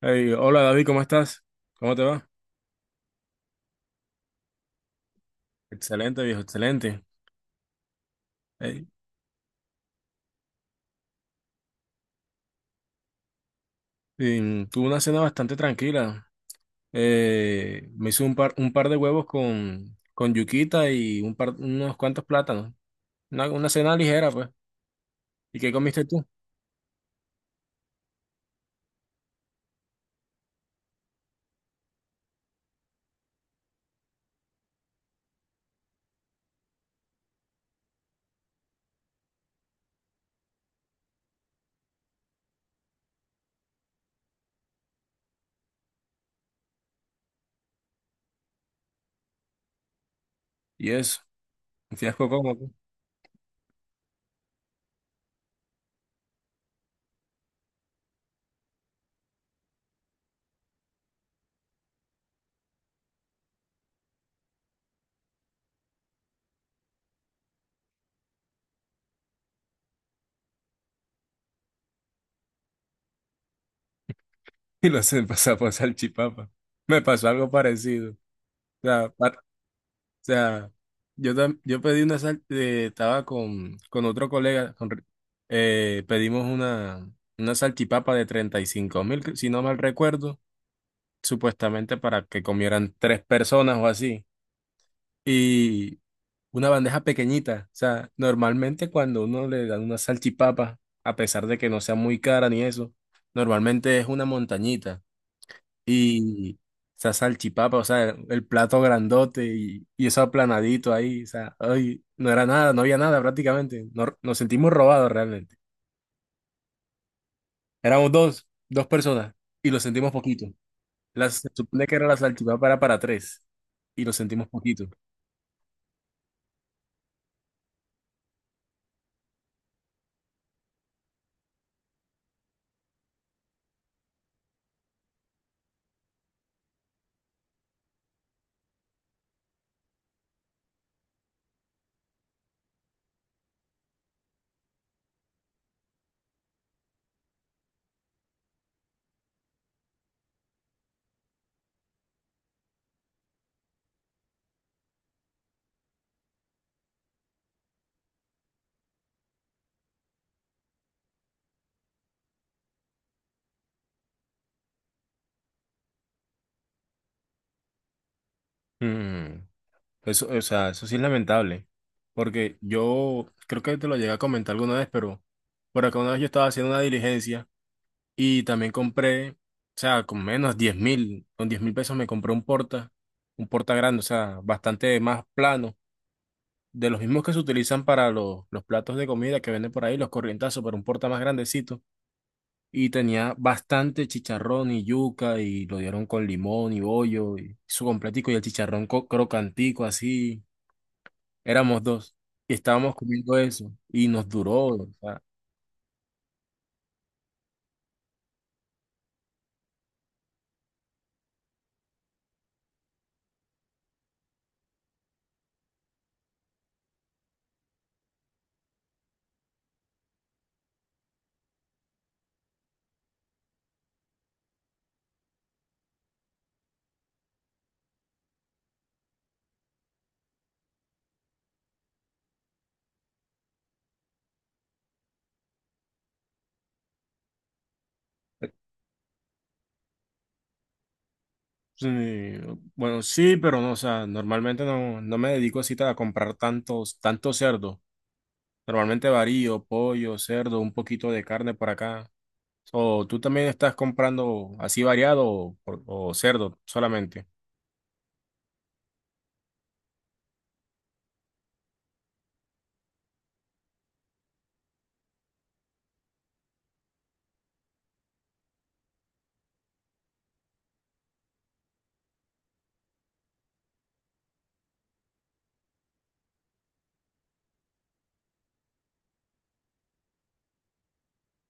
Hey, hola David, ¿cómo estás? ¿Cómo te va? Excelente, viejo, excelente. Hey, tuve una cena bastante tranquila. Me hice un par de huevos con yuquita y unos cuantos plátanos. Una cena ligera, pues. ¿Y qué comiste tú? Y eso, un fiasco como, tú. Y lo sé, pasar por salchipapa. Me pasó algo parecido. O sea, sea, yo pedí estaba con otro colega, pedimos una salchipapa de 35.000, si no mal recuerdo, supuestamente para que comieran tres personas o así, y una bandeja pequeñita. O sea, normalmente cuando uno le dan una salchipapa, a pesar de que no sea muy cara ni eso, normalmente es una montañita. Y esa salchipapa, o sea, el plato grandote y eso aplanadito ahí, o sea, ay, no era nada, no había nada prácticamente. Nos sentimos robados realmente. Éramos dos personas y lo sentimos poquito. Se supone que era la salchipapa era para tres y lo sentimos poquito. Mm. Eso, o sea, eso sí es lamentable, porque yo creo que te lo llegué a comentar alguna vez, pero por acá una vez yo estaba haciendo una diligencia. Y también compré, o sea, con menos 10.000, con 10.000 pesos me compré un porta grande, o sea, bastante más plano, de los mismos que se utilizan para los platos de comida que venden por ahí, los corrientazos, pero un porta más grandecito. Y tenía bastante chicharrón y yuca, y lo dieron con limón y bollo, y su completico, y el chicharrón crocantico, así. Éramos dos, y estábamos comiendo eso, y nos duró, o sea. Sí, bueno, sí, pero no, o sea, normalmente no me dedico así a comprar tantos cerdos. Normalmente varío, pollo, cerdo, un poquito de carne por acá. O tú también estás comprando así variado o cerdo solamente.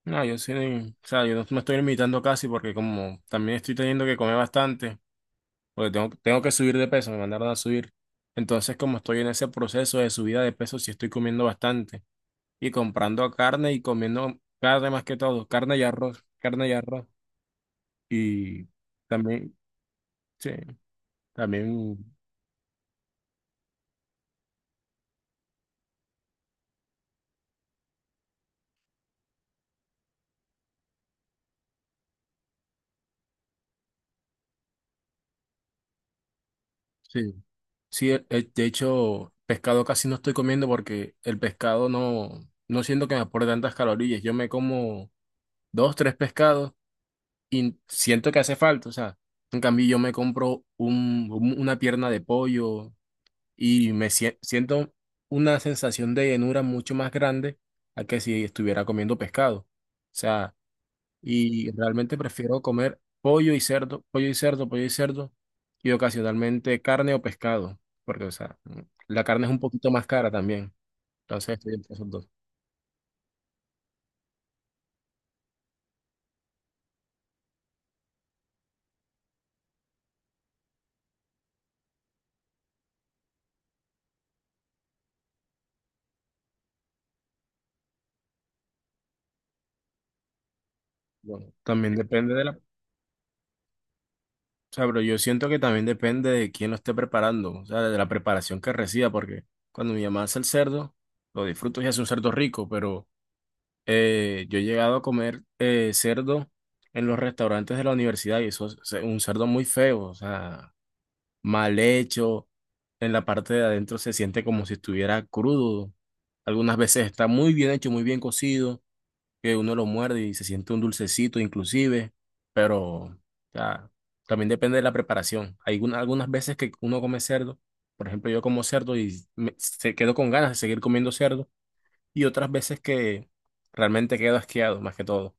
No, yo sí, o sea, yo no me estoy limitando casi porque como también estoy teniendo que comer bastante, porque tengo que subir de peso, me mandaron a subir. Entonces, como estoy en ese proceso de subida de peso, sí estoy comiendo bastante. Y comprando carne y comiendo carne más que todo, carne y arroz, carne y arroz. Y también, sí, también, sí. Sí, de hecho, pescado casi no estoy comiendo porque el pescado no. No siento que me aporte tantas calorías. Yo me como dos, tres pescados y siento que hace falta. O sea, en cambio yo me compro una pierna de pollo y me siento una sensación de llenura mucho más grande a que si estuviera comiendo pescado. O sea, y realmente prefiero comer pollo y cerdo, pollo y cerdo, pollo y cerdo, y ocasionalmente carne o pescado, porque, o sea, la carne es un poquito más cara también. Entonces estoy entre esos dos. Bueno, también depende de la. O sea, pero yo siento que también depende de quién lo esté preparando, o sea, de la preparación que reciba, porque cuando mi mamá hace el cerdo, lo disfruto y hace un cerdo rico, pero. Yo he llegado a comer cerdo en los restaurantes de la universidad y eso es un cerdo muy feo, o sea, mal hecho. En la parte de adentro se siente como si estuviera crudo. Algunas veces está muy bien hecho, muy bien cocido, que uno lo muerde y se siente un dulcecito inclusive, pero o sea, también depende de la preparación. Hay algunas veces que uno come cerdo, por ejemplo, yo como cerdo y se quedo con ganas de seguir comiendo cerdo y otras veces que realmente quedo asqueado, más que todo.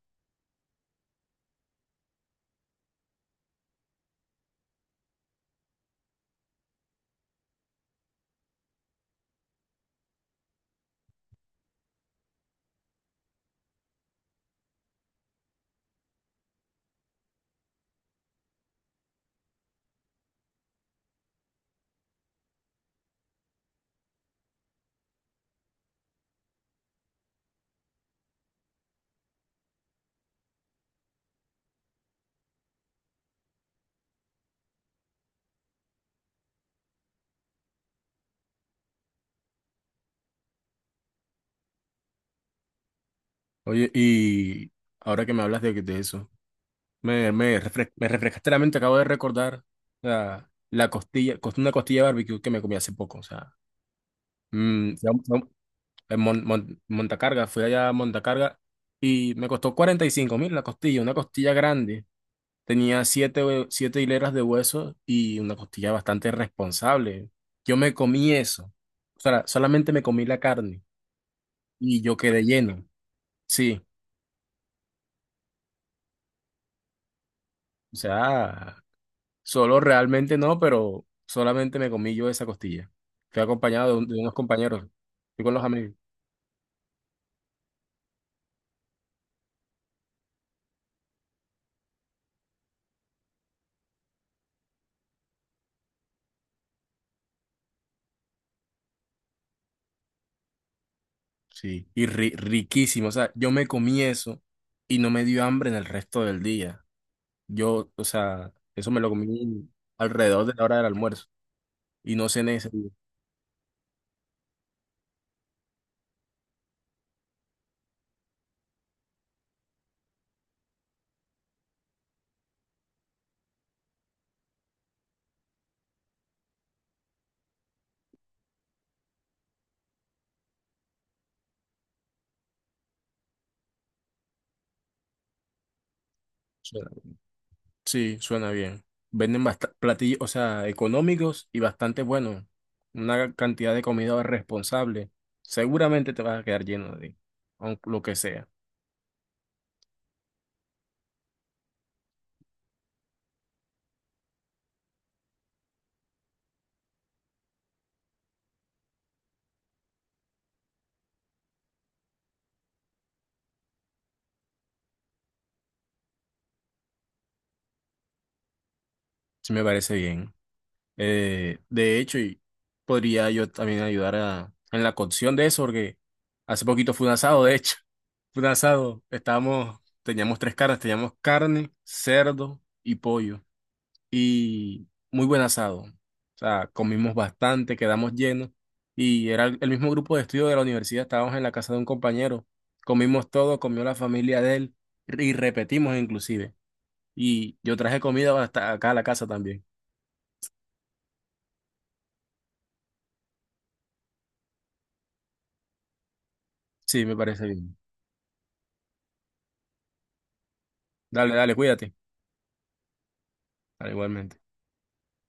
Oye, y ahora que me hablas de eso, me refrescaste la mente, acabo de recordar una costilla de barbecue que me comí hace poco, o sea, mm, fue a- fue a- en Montacarga, fui allá a Montacarga y me costó 45.000 la costilla, una costilla grande, tenía siete hileras de hueso y una costilla bastante responsable. Yo me comí eso, o sea, solamente me comí la carne. Y yo quedé lleno. Sí, o sea, solo realmente no, pero solamente me comí yo esa costilla. Fui acompañado de unos compañeros, fui con los amigos. Sí, y riquísimo, o sea, yo me comí eso y no me dio hambre en el resto del día. Yo, o sea, eso me lo comí alrededor de la hora del almuerzo y no cené ese día. Sí, suena bien. Venden platillos, o sea, económicos y bastante buenos. Una cantidad de comida responsable. Seguramente te vas a quedar lleno de, aunque lo que sea. Sí, me parece bien. De hecho, y podría yo también ayudar en la cocción de eso, porque hace poquito fue un asado, de hecho. Fue un asado. Estábamos, teníamos tres carnes, teníamos carne, cerdo y pollo. Y muy buen asado. O sea, comimos bastante, quedamos llenos y era el mismo grupo de estudio de la universidad, estábamos en la casa de un compañero, comimos todo, comió la familia de él y repetimos inclusive. Y yo traje comida hasta acá a la casa también. Sí, me parece bien. Dale, dale, cuídate. Dale, igualmente.